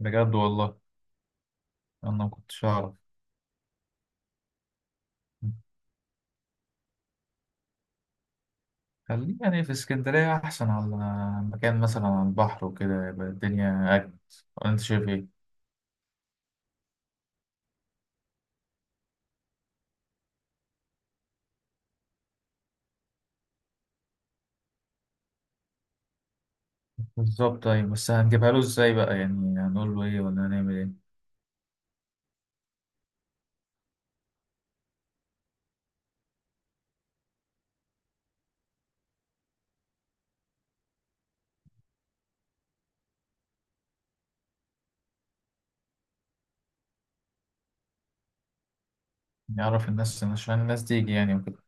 بجد والله. انا ما كنتش اعرف. خليه يعني في اسكندريه احسن، على مكان مثلا على البحر وكده يبقى الدنيا اجمل. ولا انت شايف ايه؟ بالظبط. طيب بس هنجيبها له ازاي بقى؟ يعني هنقول له ايه ولا هنعمل ايه؟ نعرف الناس عشان الناس تيجي يعني وكده.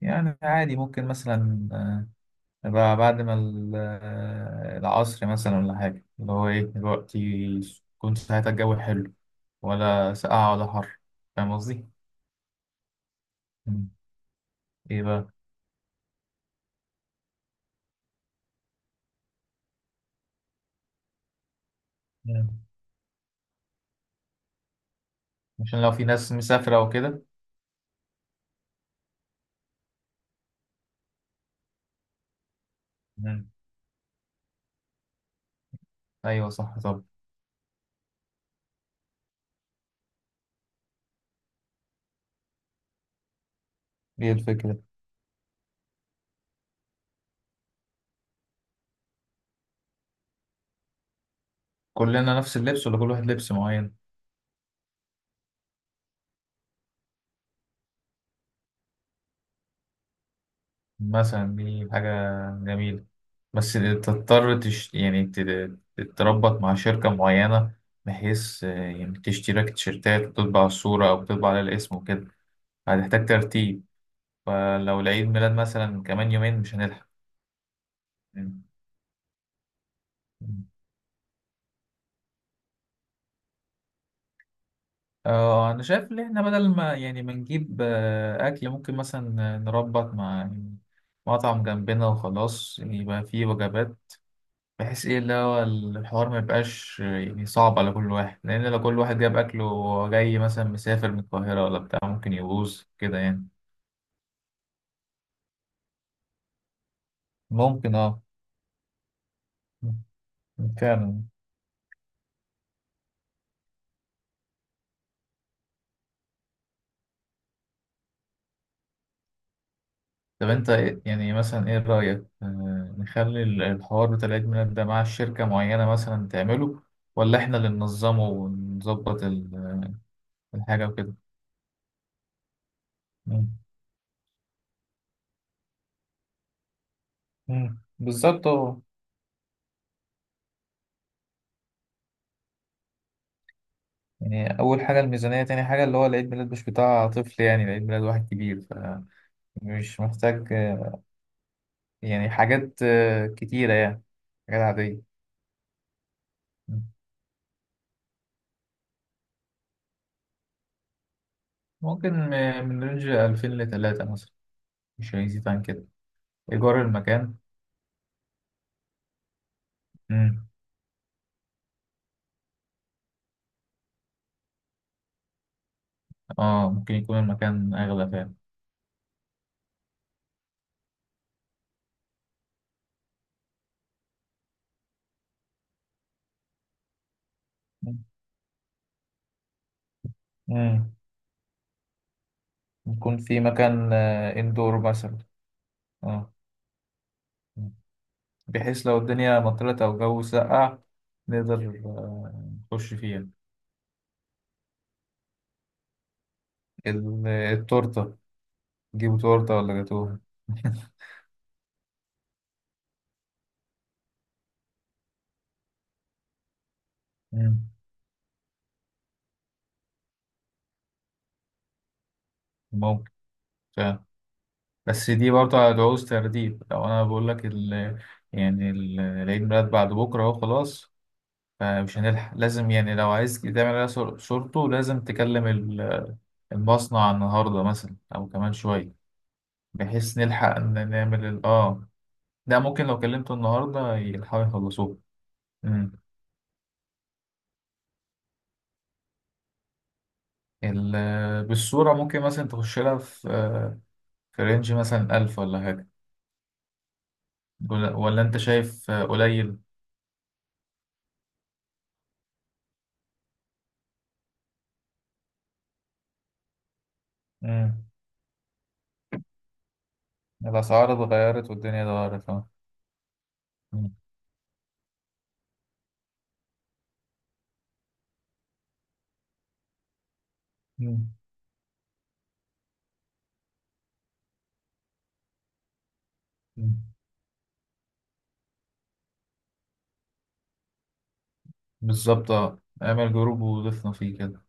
يعني عادي، ممكن مثلا يبقى بعد ما العصر مثلا، ولا حاجه اللي هو ايه الوقت يكون ساعتها الجو حلو ولا ساقعه ولا حر. فاهم قصدي؟ مم. ايه بقى؟ عشان لو في ناس مسافرة وكده. مم. أيوة صح. طب هي الفكرة؟ كلنا نفس اللبس ولا كل واحد لبس معين؟ مثلا دي حاجة جميلة، بس تضطر تتربط مع شركة معينة، بحيث يعني تشتري لك تيشيرتات وتطبع الصورة أو تطبع على الاسم وكده. هتحتاج ترتيب، فلو العيد ميلاد مثلا كمان يومين مش هنلحق. مم. اه، انا شايف ان احنا بدل ما يعني ما نجيب اكل، ممكن مثلا نربط مع مطعم جنبنا وخلاص يبقى فيه وجبات، بحيث ايه اللي هو الحوار ما يبقاش يعني صعب على كل واحد، لان لو كل واحد جاب اكله وهو جاي مثلا مسافر من القاهرة ولا بتاع ممكن يبوظ كده يعني. ممكن اه. فعلا. طب انت يعني مثلا ايه رأيك نخلي الحوار بتاع العيد ميلاد ده مع شركة معينة مثلا تعمله، ولا احنا اللي ننظمه ونظبط الحاجة وكده؟ مم. مم. بالظبط اه. يعني أول حاجة الميزانية، تاني حاجة اللي هو العيد ميلاد مش بتاع طفل، يعني العيد ميلاد واحد كبير، فمش محتاج يعني حاجات كتيرة يعني، حاجات عادية. مم. ممكن من رينج 2000 لتلاتة مثلا، مش هيزيد عن كده إيجار المكان. مم. اه ممكن يكون المكان أغلى فعلا. مم. مم. يكون في مكان إندور مثلا. اه، بحيث لو الدنيا مطرت أو الجو سقع نقدر نخش فيها. التورتة. جيبوا تورتة ولا جاتوه؟ مم. ممكن فعلا، بس دي برضه هتعوز ترتيب. لو أنا بقول لك يعني العيد ميلاد بعد بكرة أهو، خلاص، فمش هنلحق. لازم يعني لو عايز تعمل عليها صورته لازم تكلم المصنع النهاردة مثلا أو كمان شوية، بحيث نلحق إن نعمل ال... آه ده ممكن لو كلمته النهاردة يلحقوا يخلصوه. بالصورة ممكن مثلا تخش لها في في رينج مثلا 1000 ولا حاجة. ولا أنت شايف قليل؟ مم. الأسعار اتغيرت والدنيا اتغيرت اه. مم. مم. مم. بالظبط اه، اعمل جروب وضيفنا فيه كده.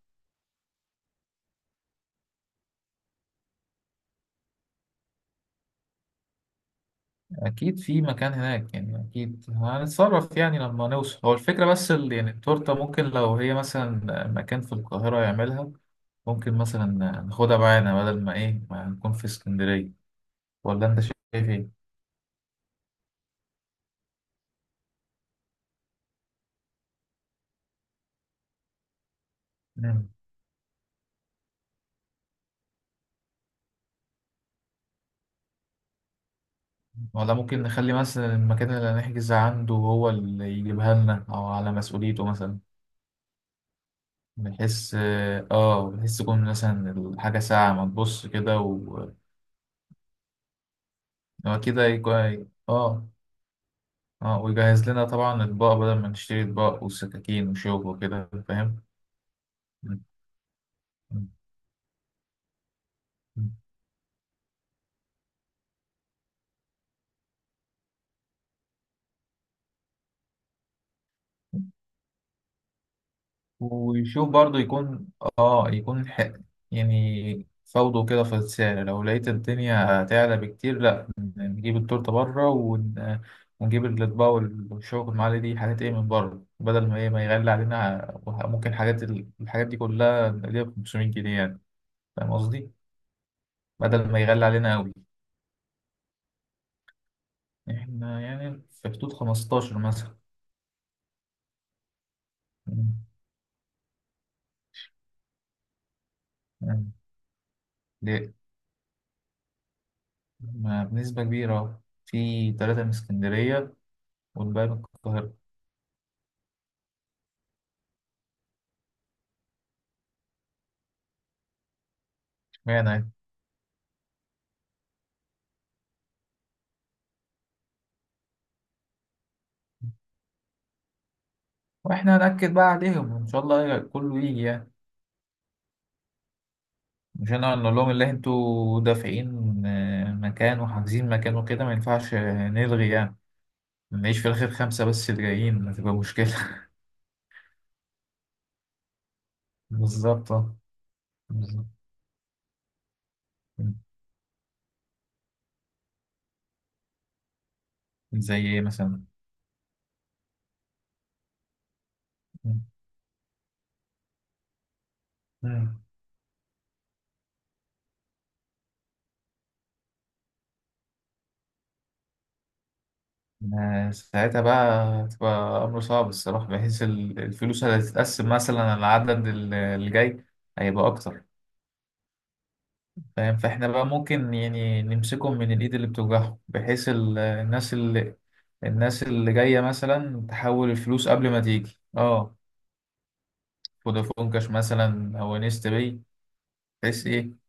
أكيد في مكان هناك يعني، أكيد هنتصرف يعني لما نوصل. هو الفكرة بس يعني التورتة، ممكن لو هي مثلا مكان في القاهرة يعملها، ممكن مثلا ناخدها معانا بدل ما إيه ما نكون في اسكندرية. ولا أنت شايف إيه؟ ولا ممكن نخلي مثلا المكان اللي هنحجز عنده هو اللي يجيبها لنا أو على مسؤوليته مثلا، بحيث اه بحيث تكون مثلا الحاجة ساعة ما تبص كده و... هو كده يكون اه. اه، ويجهز لنا طبعا أطباق بدل ما نشتري أطباق وسكاكين وشوك وكده. فاهم؟ ويشوف برضو يكون اه، يكون حق يعني، فوضه كده في السعر. لو لقيت الدنيا هتعلى بكتير، لا، نجيب التورتة بره ونجيب الأطباق والشوك المعالي، دي حاجات ايه من بره، بدل ما ايه ما يغلي علينا. ممكن حاجات الحاجات دي كلها نقلبها ب 500 جنيه يعني. فاهم قصدي؟ بدل ما يغلي علينا أوي. احنا يعني في حدود 15 مثلا. مم. مم. ليه؟ ما بنسبة كبيرة، في تلاتة من اسكندرية والباقي من القاهرة. اشمعنى؟ واحنا هنأكد بقى عليهم وان شاء الله كله يجي يعني. مش انا نقول لهم اللي انتوا دافعين مكان وحاجزين مكان وكده، ما ينفعش نلغي يعني. نعيش في الاخر خمسة بس اللي جايين هتبقى مشكلة. بالظبط بالظبط. زي ايه مثلا؟ مم. ساعتها بقى هتبقى امر صعب الصراحة، بحيث الفلوس اللي هتتقسم مثلا على العدد اللي جاي هيبقى اكتر. فاهم؟ فاحنا بقى ممكن يعني نمسكهم من الإيد اللي بتوجعهم، بحيث الناس اللي جاية مثلا تحول الفلوس قبل ما تيجي اه، فودافون كاش مثلا أو نيست باي، بحيث إيه،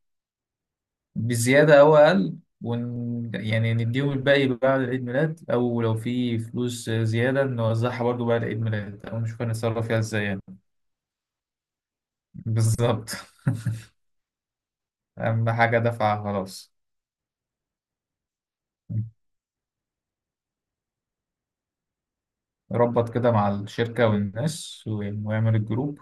بزيادة أو أقل، ون يعني نديهم الباقي بعد عيد ميلاد أو لو في فلوس زيادة نوزعها برضو بعد عيد ميلاد أو نشوف هنتصرف فيها إزاي يعني. بالظبط أهم حاجة دفعها خلاص. ربط كده مع الشركة والناس ويعمل الجروب.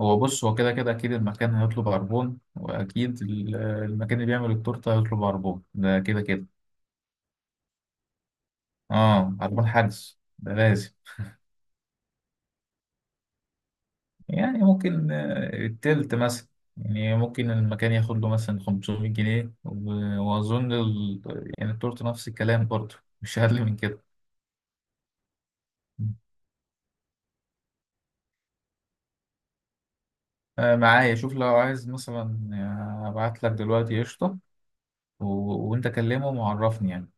هو بص، هو كده كده اكيد المكان هيطلب عربون، واكيد المكان اللي بيعمل التورته هيطلب عربون، ده كده كده. اه، عربون حدس ده لازم. يعني ممكن التلت مثلا. يعني ممكن المكان ياخد له مثلا 500 جنيه، واظن يعني التورته نفس الكلام برضه، مش اقل من كده. آه معايا، شوف لو عايز مثلا ابعت لك دلوقتي قشطه، وانت كلمهم وعرفني يعني.